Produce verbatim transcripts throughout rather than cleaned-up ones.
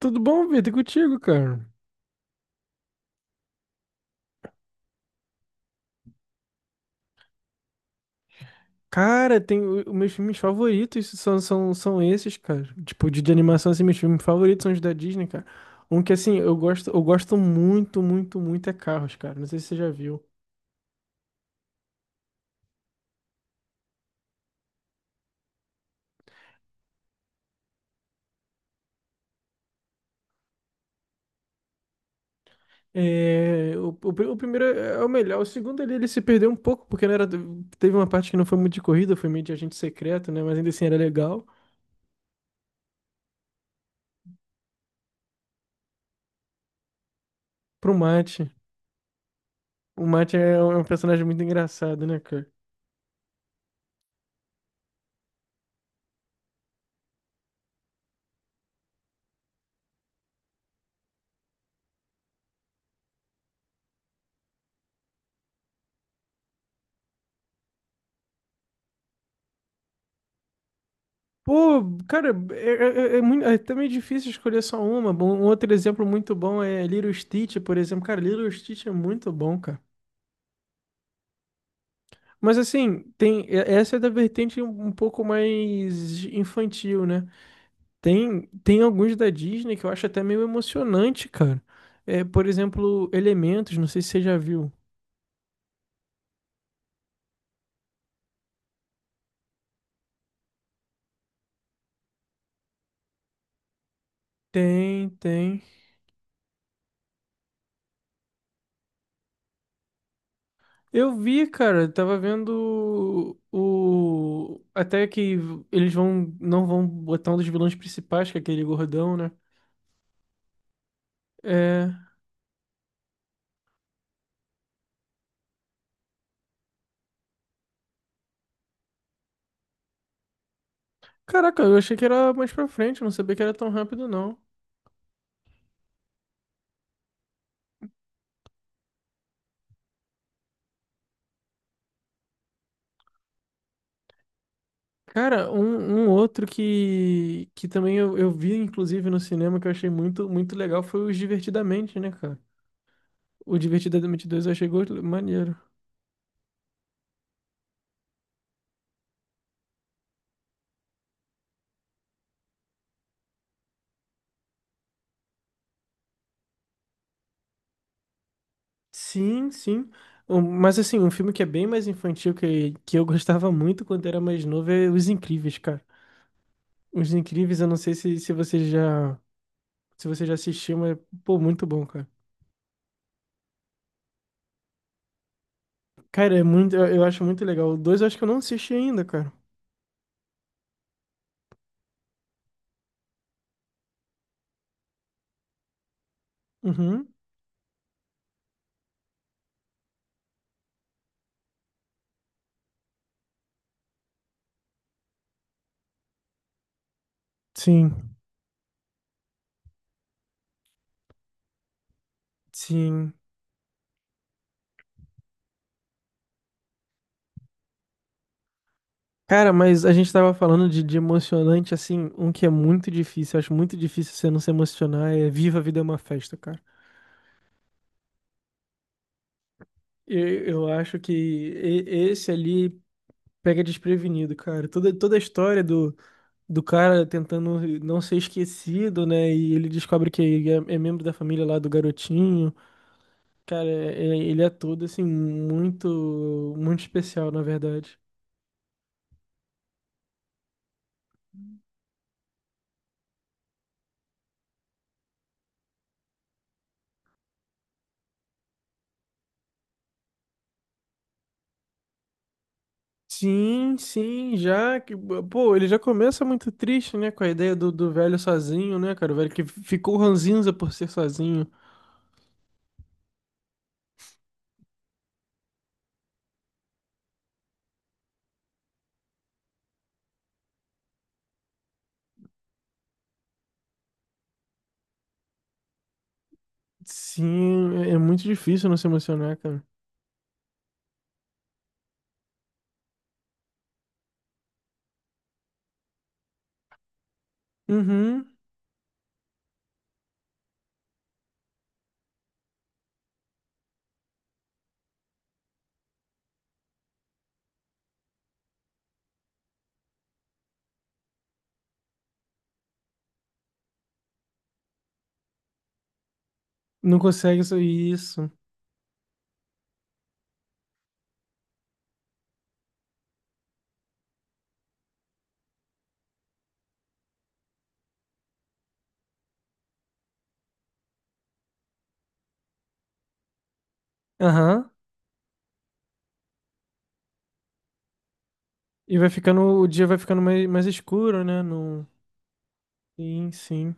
Tudo bom, Vitor? E contigo, cara? Cara, tem o- os meus filmes favoritos são, são, são esses, cara. Tipo, de, de animação, assim, meus filmes favoritos são os da Disney, cara. Um que, assim, eu gosto, eu gosto muito, muito, muito é Carros, cara. Não sei se você já viu. É, o, o, pri- o primeiro é é o melhor. O segundo ali, ele se perdeu um pouco, porque não era, teve uma parte que não foi muito de corrida, foi meio de agente secreto, né? Mas ainda assim era legal. Pro Mate. O Mate é um é um personagem muito engraçado, né, cara? Pô, cara, é, é, é, é muito, é também difícil escolher só uma. Bom, um outro exemplo muito bom é Little Stitch, por exemplo. Cara, Little Stitch é muito bom, cara. Mas assim, tem, é- essa é da vertente um um pouco mais infantil, né? Tem, tem alguns da Disney que eu acho até meio emocionante, cara. É, por exemplo, Elementos, não sei se você já viu. Tem, tem. Eu vi, cara, eu tava vendo o, o- até que eles vão não vão botar um dos vilões principais, que é aquele gordão, né? É, caraca, eu achei que era mais pra frente, eu não sabia que era tão rápido não. Cara, um, um outro que que também eu, eu vi inclusive no cinema que eu achei muito muito legal foi o Divertidamente, né, cara? O Divertidamente dois eu achei go- maneiro. Sim, sim. Um- Mas assim, um filme que é bem mais infantil que, que eu gostava muito quando era mais novo é Os Incríveis, cara. Os Incríveis, eu não sei se, se você já se você já assistiu, mas pô, muito bom, cara. Cara, é muito, eu, eu acho muito legal. O dois eu acho que eu não assisti ainda, cara. Uhum. Sim. Sim. Cara, mas a gente tava falando de, de emocionante, assim, um que é muito difícil, eu acho muito difícil você não se emocionar, é Viva a Vida é uma Festa, cara. Eu, eu acho que e- esse ali pega desprevenido, cara. Toda, toda a história do, do cara tentando não ser esquecido, né? E ele descobre que é, é membro da família lá do garotinho. Cara, é- é, ele é todo assim, muito, muito especial, na verdade. Sim, sim, já que, pô, ele já começa muito triste, né, com a ideia do, do velho sozinho, né, cara, o velho que ficou ranzinza por ser sozinho. Sim, é é muito difícil não se emocionar, cara. Uhum, não consegue isso. Isso. Aham. E vai ficando, o dia vai ficando mais, mais escuro, né? Não. Sim, sim.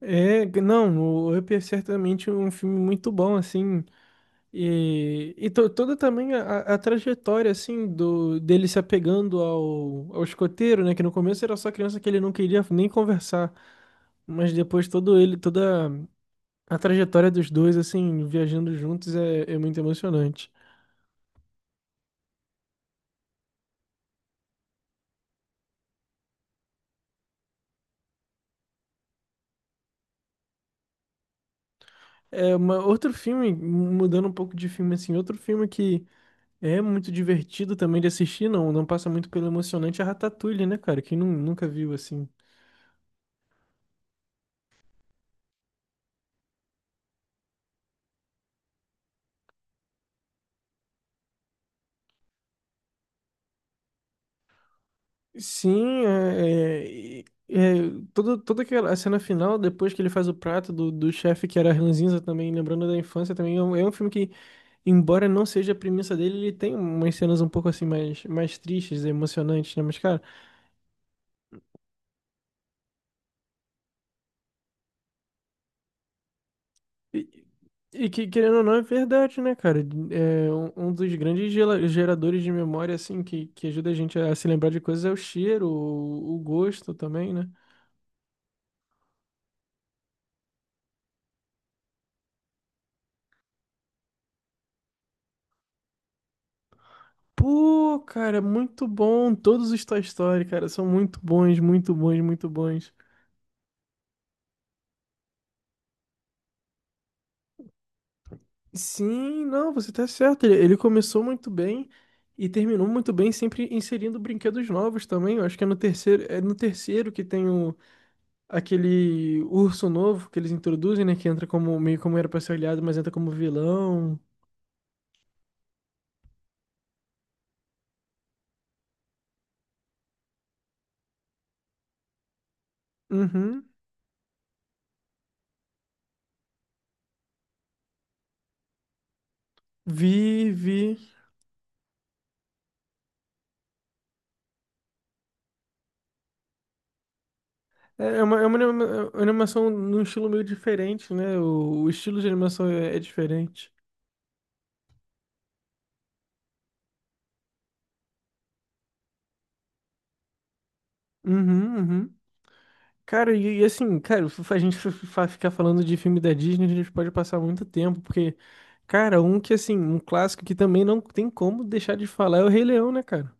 É, g- não, o Up é certamente um filme muito bom, assim, e, e to- toda também a, a- a trajetória, assim, do, dele se apegando ao, ao escoteiro, né, que no começo era só criança que ele não queria nem conversar, mas depois todo ele, toda a trajetória dos dois, assim, viajando juntos é, é muito emocionante. É, uma, outro filme, mudando um pouco de filme, assim, outro filme que é muito divertido também de assistir, não. Não passa muito pelo emocionante a Ratatouille, né, cara? Quem nun- nunca viu assim. Sim, é, é, é, toda, toda aquela a cena final, depois que ele faz o prato do, do chefe que era ranzinza também, lembrando da infância também, é um, é um filme que, embora não seja a premissa dele, ele tem umas cenas um pouco assim mais, mais tristes, emocionantes, né? Mas, cara, E, e que, querendo ou não, é verdade, né, cara? É, um, um dos grandes gela- geradores de memória, assim, que, que ajuda a gente a se lembrar de coisas é o cheiro, o, o gosto também, né? Pô, cara, é muito bom. Todos os Toy Story, cara, são muito bons, muito bons, muito bons. Sim, não, você tá certo. Ele, ele começou muito bem e terminou muito bem, sempre inserindo brinquedos novos também. Eu acho que é no terceiro, é no terceiro que tem o aquele urso novo que eles introduzem, né? Que entra como meio como era pra ser aliado, mas entra como vilão. Uhum. Vi, vi. É é uma, é uma anima- é uma animação num estilo meio diferente, né? O, o estilo de animação é, é diferente. Uhum, uhum. Cara, e, e assim, cara, f- a gente f- fa- ficar falando de filme da Disney, a gente pode passar muito tempo, porque, cara, um que assim, um clássico que também não tem como deixar de falar é o Rei Leão, né, cara?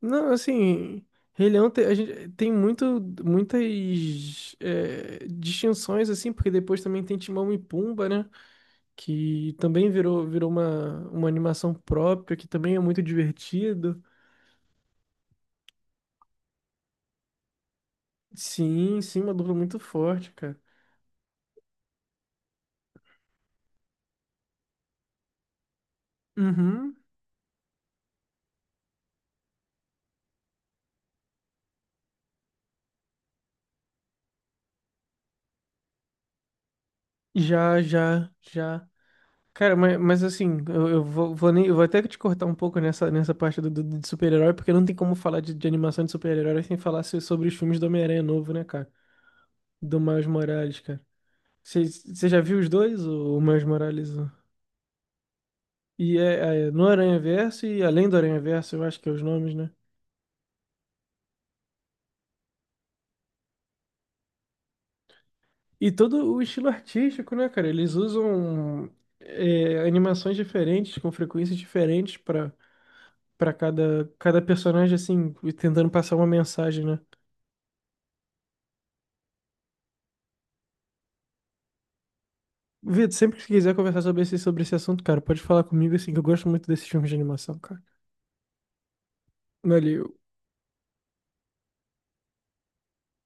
Não, assim, Rei Leão te- a gente tem muito, muitas é, distinções, assim, porque depois também tem Timão e Pumba, né? Que também virou, virou uma, uma animação própria, que também é muito divertido. Sim, sim, uma dupla muito forte, cara. Uhum. Já, já, já. Cara, mas, mas assim, eu, eu vou, vou nem, eu vou até te cortar um pouco nessa, nessa parte do, do- de super-herói, porque não tem como falar de, de animação de super-herói sem falar so- sobre os filmes do Homem-Aranha novo, né, cara? Do Miles Morales, cara. Você já viu os dois, o o Miles Morales? o- E é, é no Aranhaverso e além do Aranhaverso, eu acho que é os nomes, né? E todo o estilo artístico, né, cara? Eles usam é, animações diferentes, com frequências diferentes pra para cada, cada personagem, assim, e tentando passar uma mensagem, né? Vitor, sempre que você quiser conversar sobre esse, sobre esse assunto, cara, pode falar comigo, assim, que eu gosto muito desses filmes de animação, cara. Valeu.